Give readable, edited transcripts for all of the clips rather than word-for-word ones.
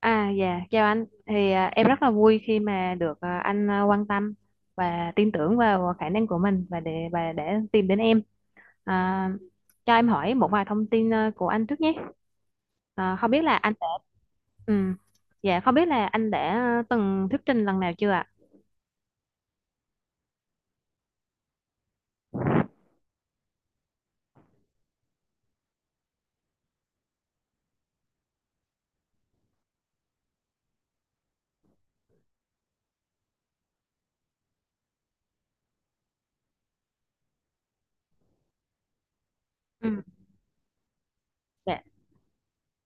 Chào anh. Em rất là vui khi mà được anh quan tâm và tin tưởng vào khả năng của mình và để tìm đến em. À, cho em hỏi một vài thông tin của anh trước nhé. À, không biết là anh đã ừ, Dạ không biết là anh đã từng thuyết trình lần nào chưa ạ? Ừ. Dạ.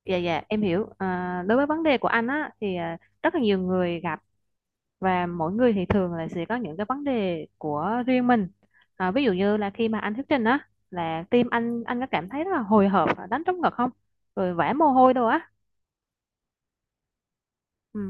Dạ, em hiểu. Đối với vấn đề của anh á thì rất là nhiều người gặp, và mỗi người thì thường là sẽ có những cái vấn đề của riêng mình. Ví dụ như là khi mà anh thuyết trình á, là tim anh có cảm thấy rất là hồi hộp và đánh trống ngực không, rồi vã mồ hôi đâu á? Ừ.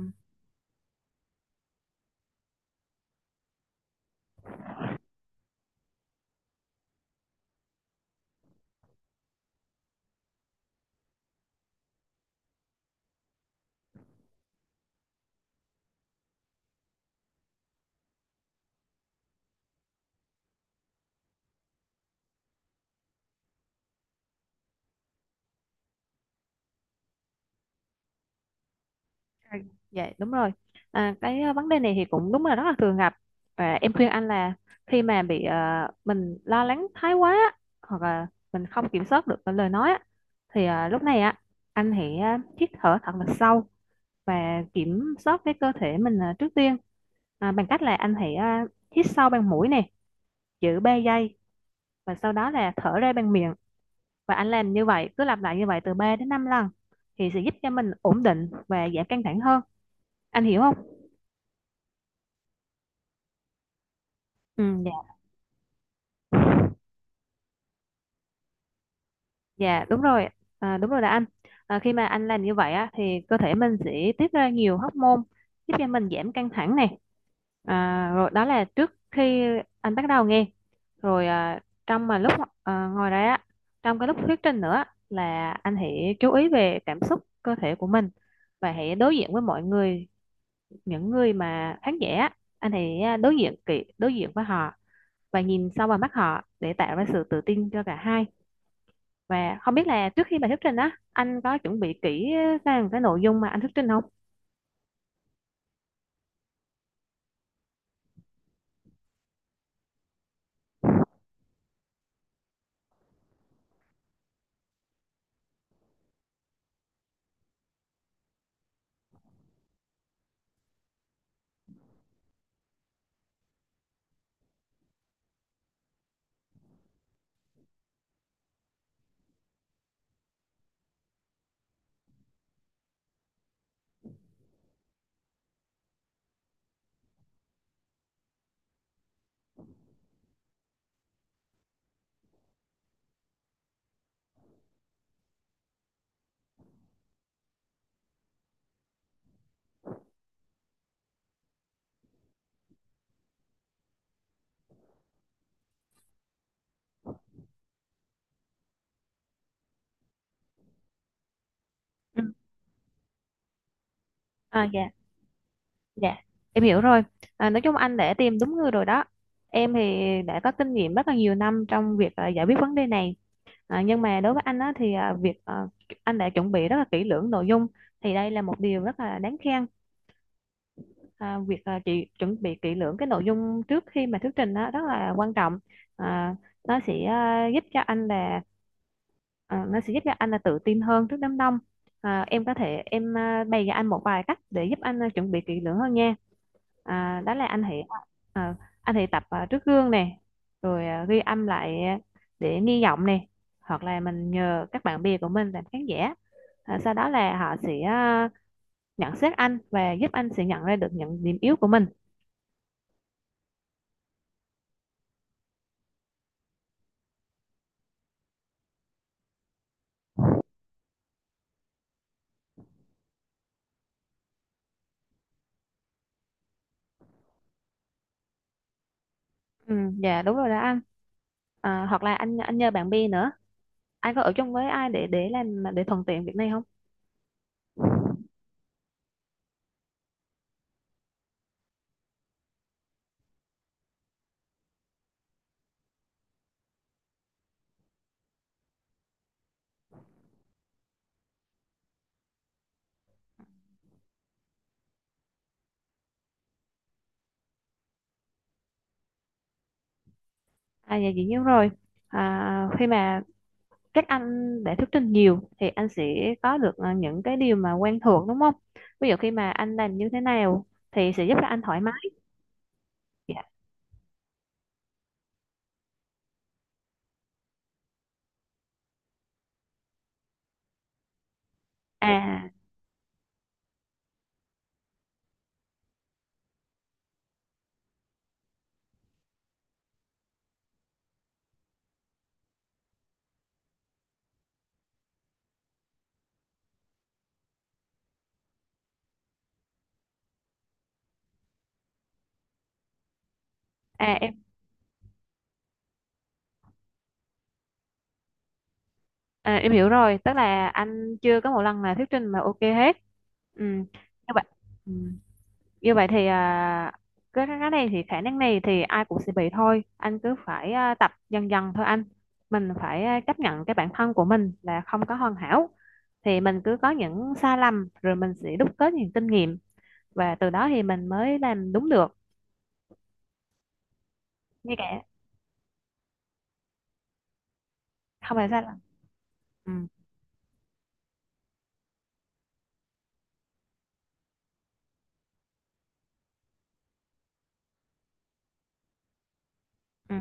À, dạ đúng rồi. Vấn đề này thì cũng đúng là rất là thường gặp, và em khuyên anh là khi mà bị mình lo lắng thái quá á, hoặc là mình không kiểm soát được cái lời nói á, thì lúc này á, anh hãy hít thở thật là sâu và kiểm soát cái cơ thể mình trước tiên. Bằng cách là anh hãy hít sâu bằng mũi nè, giữ 3 giây, và sau đó là thở ra bằng miệng. Và anh làm như vậy, cứ lặp lại như vậy từ 3 đến 5 lần thì sẽ giúp cho mình ổn định và giảm căng thẳng hơn. Anh hiểu không? ừ, Dạ đúng rồi. Đúng rồi đó anh. Khi mà anh làm như vậy á, thì cơ thể mình sẽ tiết ra nhiều hormone giúp cho mình giảm căng thẳng này. Rồi đó là trước khi anh bắt đầu nghe rồi, à, trong mà lúc à, ngồi đấy á trong cái lúc thuyết trình nữa, là anh hãy chú ý về cảm xúc cơ thể của mình và hãy đối diện với mọi người, những người mà khán giả á, anh hãy đối diện với họ và nhìn sâu vào mắt họ để tạo ra sự tự tin cho cả hai. Và không biết là trước khi bài thuyết trình á, anh có chuẩn bị kỹ sang cái nội dung mà anh thuyết trình không? Ừ. À, dạ, dạ, em hiểu rồi. À, nói chung anh đã tìm đúng người rồi đó. Em thì đã có kinh nghiệm rất là nhiều năm trong việc giải quyết vấn đề này. À, nhưng mà đối với anh á, thì anh đã chuẩn bị rất là kỹ lưỡng nội dung thì đây là một điều rất là đáng khen. Chị chuẩn bị kỹ lưỡng cái nội dung trước khi mà thuyết trình đó rất là quan trọng. à, nó sẽ à, giúp cho anh là à, nó sẽ giúp cho anh là tự tin hơn trước đám đông. Em có thể bày cho anh một vài cách để giúp anh chuẩn bị kỹ lưỡng hơn nha. Đó là anh hãy à, anh hãy tập trước gương nè, rồi ghi âm lại để nghi giọng nè, hoặc là mình nhờ các bạn bè của mình làm khán giả. Sau đó là họ sẽ nhận xét anh và giúp anh sẽ nhận ra được những điểm yếu của mình. ừ, dạ đúng rồi đó anh. Hoặc là anh nhờ bạn bè nữa. Anh có ở chung với ai để thuận tiện việc này không? À dạ, dĩ nhiên rồi. Khi mà các anh đã thuyết trình nhiều thì anh sẽ có được những cái điều mà quen thuộc, đúng không? Ví dụ khi mà anh làm như thế nào thì sẽ giúp cho anh thoải mái. Dạ. à à em em hiểu rồi, tức là anh chưa có một lần là thuyết trình mà ok hết. Ừ. Như vậy. Ừ. Như vậy thì cái này thì khả năng này thì ai cũng sẽ bị thôi anh. Cứ phải tập dần dần thôi anh. Mình phải chấp nhận cái bản thân của mình là không có hoàn hảo, thì mình cứ có những sai lầm rồi mình sẽ đúc kết những kinh nghiệm, và từ đó thì mình mới làm đúng được. Như kẻ không phải sai lầm. Ừ. Ừ.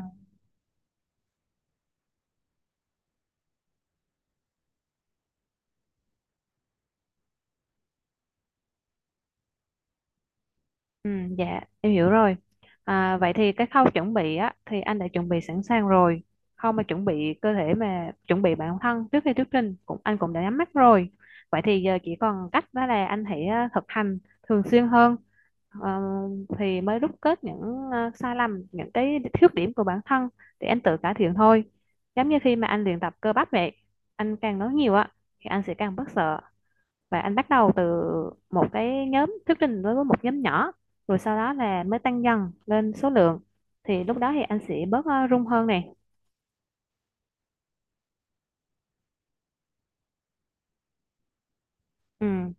Ừ, dạ em hiểu rồi. À, vậy thì cái khâu chuẩn bị á thì anh đã chuẩn bị sẵn sàng rồi. Khâu mà chuẩn bị cơ thể mà chuẩn bị bản thân trước khi thuyết trình cũng anh cũng đã nhắm mắt rồi. Vậy thì giờ chỉ còn cách đó là anh hãy thực hành thường xuyên hơn. Ờ, thì mới rút kết những sai lầm, những cái khuyết điểm của bản thân để anh tự cải thiện thôi. Giống như khi mà anh luyện tập cơ bắp vậy, anh càng nói nhiều á thì anh sẽ càng bớt sợ. Và anh bắt đầu từ một cái nhóm thuyết trình, đối với một nhóm nhỏ, rồi sau đó là mới tăng dần lên số lượng, thì lúc đó thì anh sẽ bớt rung hơn này. Ừ.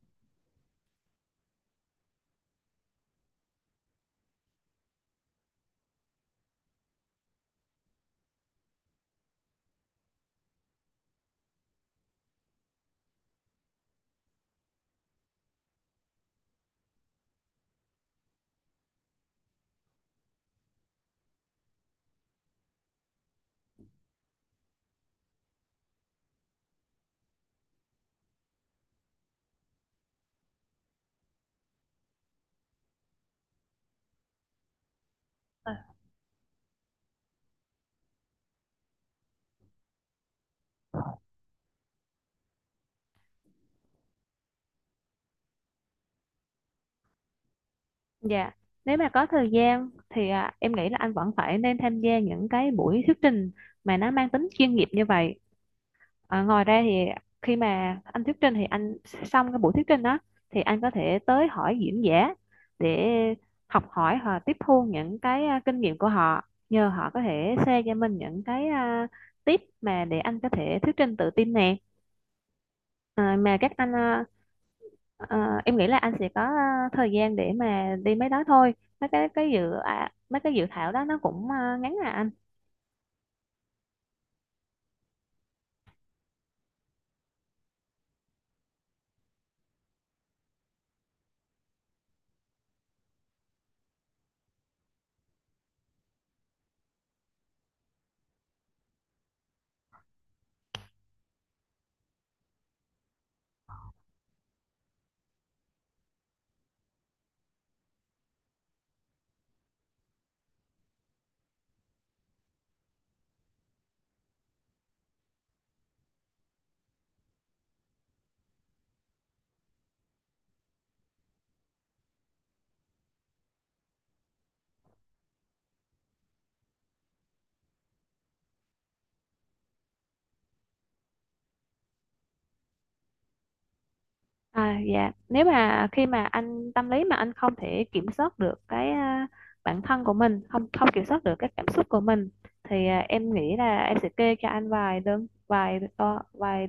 Dạ, nếu mà có thời gian thì em nghĩ là anh vẫn phải nên tham gia những cái buổi thuyết trình mà nó mang tính chuyên nghiệp như vậy. Ờ, ngoài ra thì khi mà anh thuyết trình thì anh xong cái buổi thuyết trình đó thì anh có thể tới hỏi diễn giả để học hỏi và tiếp thu những cái kinh nghiệm của họ, nhờ họ có thể share cho mình những cái tip mà để anh có thể thuyết trình tự tin nè. À, mà các anh à, à, Em nghĩ là anh sẽ có thời gian để mà đi mấy đó thôi. Mấy cái dự thảo đó nó cũng ngắn à anh. À, dạ nếu mà khi mà anh tâm lý mà anh không thể kiểm soát được cái bản thân của mình, không không kiểm soát được các cảm xúc của mình, thì em nghĩ là em sẽ kê cho anh vài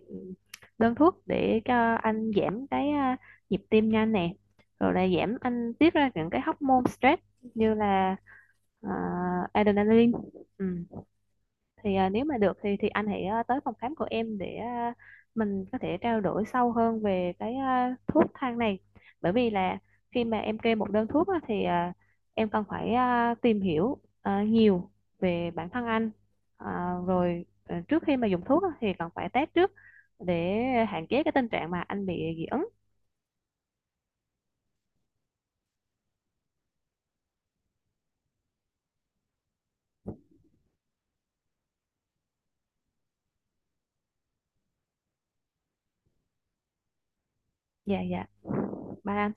đơn thuốc để cho anh giảm cái nhịp tim nhanh nè, rồi là giảm anh tiết ra những cái hormone stress như là à, adrenaline. Ừ, thì nếu mà được thì anh hãy tới phòng khám của em để mình có thể trao đổi sâu hơn về cái thuốc thang này, bởi vì là khi mà em kê một đơn thuốc á, thì em cần phải tìm hiểu nhiều về bản thân anh. À, rồi trước khi mà dùng thuốc á, thì cần phải test trước để hạn chế cái tình trạng mà anh bị dị ứng. Dạ dạ ba anh.